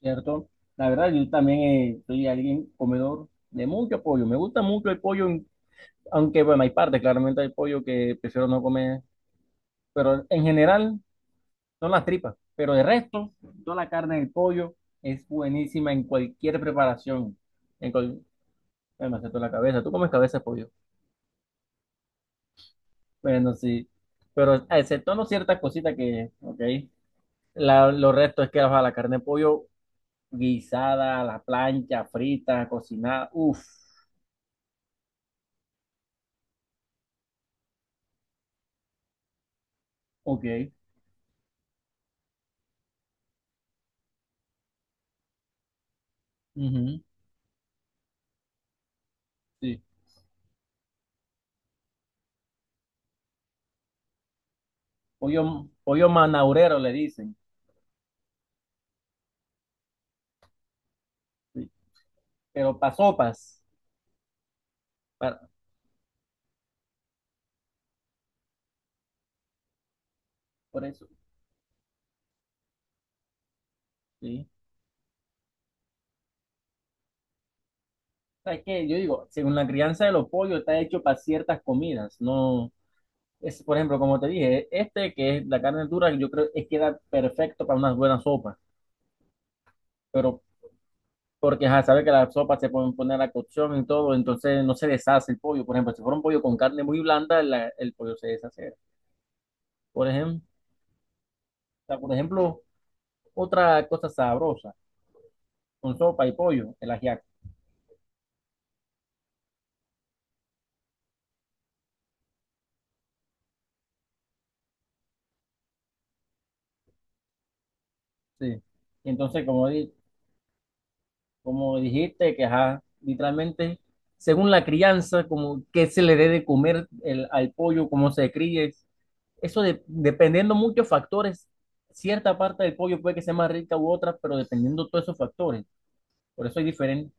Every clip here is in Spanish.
¿Cierto? La verdad, yo también soy alguien comedor de mucho pollo. Me gusta mucho el pollo, aunque bueno, hay partes, claramente hay pollo que prefiero no comer, pero en general son las tripas. Pero de resto, toda la carne del pollo es buenísima en cualquier preparación. En cual... Ay, me la cabeza. ¿Tú comes cabeza de pollo? Bueno, sí. Pero exceptuando ciertas cositas que, ok. Lo resto es que ajá, la carne de pollo guisada, a la plancha, frita, cocinada. Uff. Ok. Ujú, sí. Pollo manaurero le dicen, sí. Pero para sopas, para, por eso, sí. ¿Sabes qué? Yo digo, según la crianza de los pollos está hecho para ciertas comidas, no es, por ejemplo, como te dije, este que es la carne dura, yo creo que queda perfecto para unas buenas sopas, pero porque ya sabe que las sopas se pueden poner a cocción y todo, entonces no se deshace el pollo. Por ejemplo, si fuera un pollo con carne muy blanda, el pollo se deshace. Por ejemplo, por ejemplo, otra cosa sabrosa. Con sopa y pollo, el ajiaco, sí. Y entonces, como, como dijiste, que ajá, literalmente, según la crianza, como qué se le dé de comer al pollo, cómo se críe, dependiendo muchos factores, cierta parte del pollo puede que sea más rica u otra, pero dependiendo todos esos factores, por eso hay diferentes.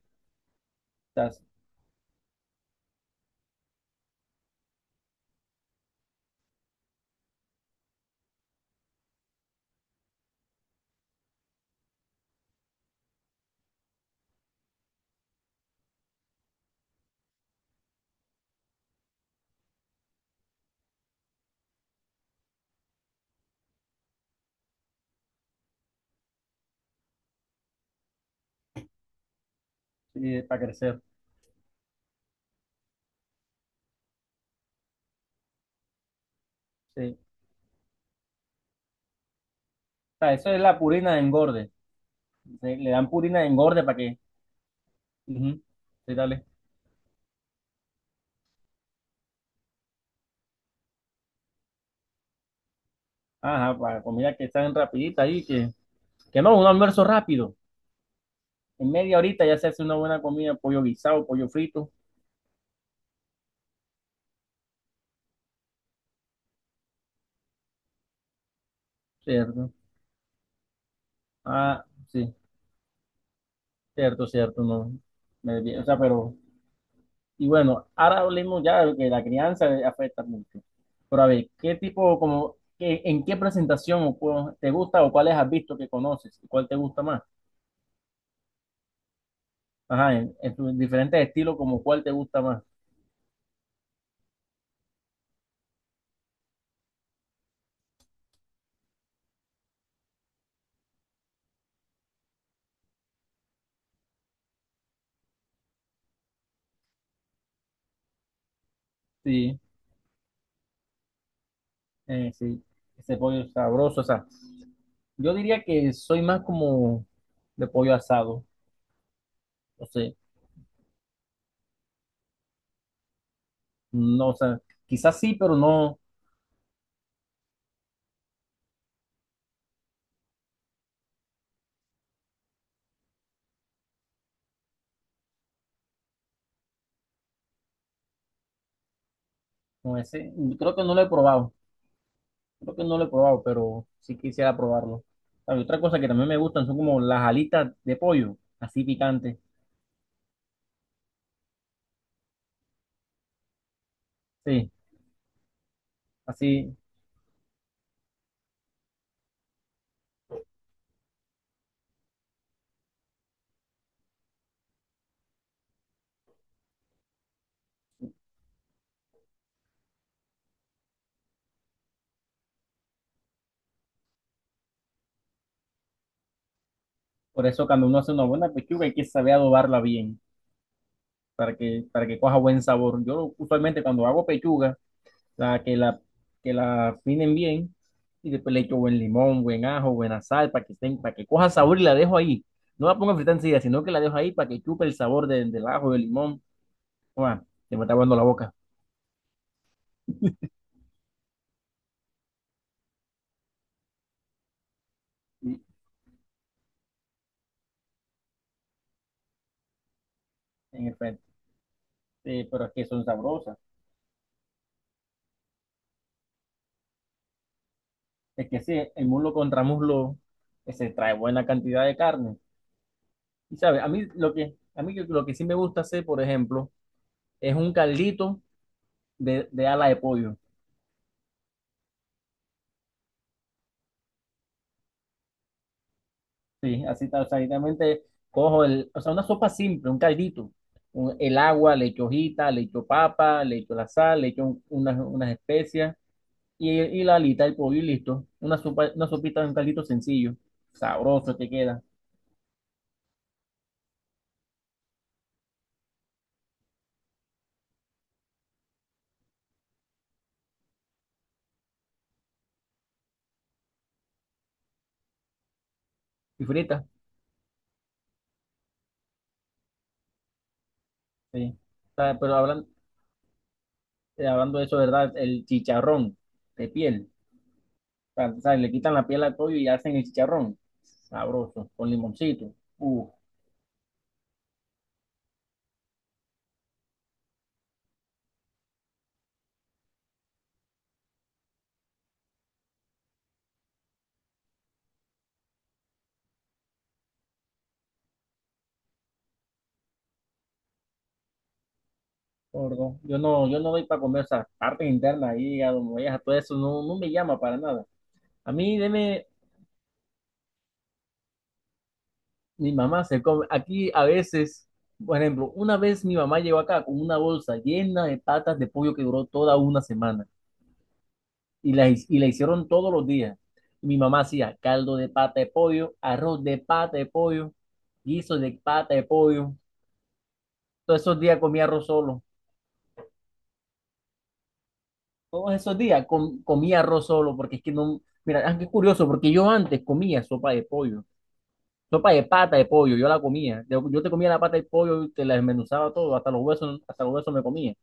Sí, para crecer, sí. O sea, eso es la purina de engorde, le dan purina de engorde para que, ujú, sí, dale. Ajá, para comida que están rapidita ahí, que no, un almuerzo rápido. En media horita ya se hace una buena comida, pollo guisado, pollo frito, cierto. Ah, sí, cierto, cierto, no. Me desvié, o sea, pero, y bueno, ahora hablemos ya de que la crianza afecta mucho. Pero a ver, ¿qué tipo, como, en qué presentación o te gusta o cuáles has visto que conoces? ¿Y cuál te gusta más? Ajá, en tus diferentes estilos, como cuál te gusta más. Sí, sí, ese pollo sabroso, o sea, yo diría que soy más como de pollo asado. No sé, no, o sea, quizás sí, pero no, no ese, creo que no lo he probado, creo que no lo he probado, pero sí quisiera probarlo. Hay otra cosa que también me gustan son como las alitas de pollo, así picantes, sí, así, por eso cuando uno hace una buena pechuga hay que saber adobarla bien, para que coja buen sabor. Yo usualmente cuando hago pechuga, sea, que la afinen bien y después le echo buen limón, buen ajo, buena sal para que estén, para que coja sabor y la dejo ahí. No la pongo a fritar enseguida, sino que la dejo ahí para que chupe el sabor del, del ajo del limón. Uah, se me está aguando la boca. Sí. En efecto, pero es que son sabrosas. Es que sí, el muslo contra muslo se trae buena cantidad de carne. Y sabes, a mí lo que, a mí lo que sí me gusta hacer, por ejemplo, es un caldito de ala de pollo. Sí, así tal, o sea, literalmente cojo el, o sea, una sopa simple, un caldito, el agua, le echo hojita, le echo papa, le echo la sal, le echo unas, unas especias y la alita del pollo y listo. Una sopa, una sopita, un caldito sencillo, sabroso te queda y frita, sí. O sea, pero hablando de eso, ¿verdad? El chicharrón de piel, o sea, le quitan la piel al pollo y hacen el chicharrón, sabroso, con limoncito. Uf. Gordo. Yo no, yo no doy para comer esas partes internas ahí, a donde vayas, a todo eso, no, no me llama para nada. A mí, deme, mi mamá se come. Aquí a veces, por ejemplo, una vez mi mamá llegó acá con una bolsa llena de patas de pollo que duró toda una semana y la, y la hicieron todos los días. Y mi mamá hacía caldo de pata de pollo, arroz de pata de pollo, guiso de pata de pollo. Todos esos días comía arroz solo. Todos esos días comía arroz solo, porque es que no, mira, ah, qué curioso, porque yo antes comía sopa de pollo, sopa de pata de pollo, yo la comía, yo te comía la pata de pollo, y te la desmenuzaba todo, hasta los huesos me comía,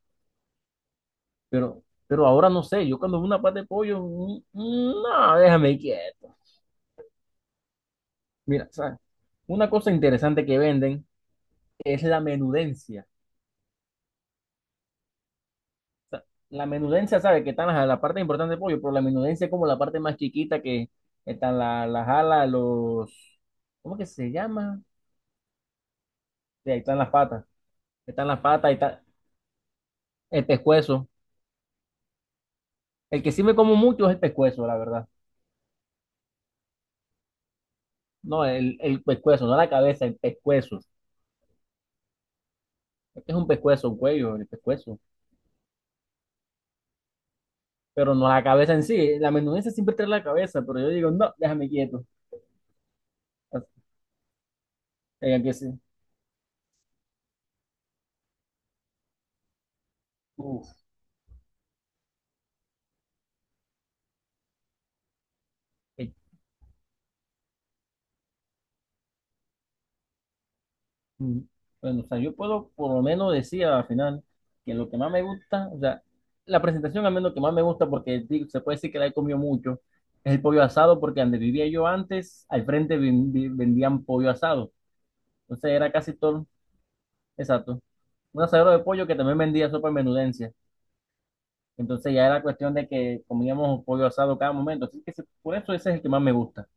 pero, pero ahora no sé, yo cuando veo una pata de pollo, no, déjame quieto. Mira, ¿sabes? Una cosa interesante que venden es la menudencia. Sea, la menudencia, sabe que están la, parte importante del pollo, pero la menudencia es como la parte más chiquita que están las alas, los, ¿cómo que se llama? Sí, ahí están las patas, ahí está el pescuezo. El que sí me como mucho es el pescuezo, la verdad. No, el pescuezo, no la cabeza, el pescuezo. Es que es un pescuezo, un cuello, el pescuezo. Pero no la cabeza en sí. La menudencia siempre trae la cabeza, pero yo digo, no, déjame quieto. Así, que sí. Uf. Mm. Bueno, o sea, yo puedo por lo menos decir al final que lo que más me gusta, o sea, la presentación al menos que más me gusta, porque se puede decir que la he comido mucho, es el pollo asado, porque donde vivía yo antes, al frente vendían pollo asado. Entonces era casi todo, exacto, un asadero de pollo que también vendía sopa en menudencia. Entonces ya era cuestión de que comíamos pollo asado cada momento. Así que por eso ese es el que más me gusta.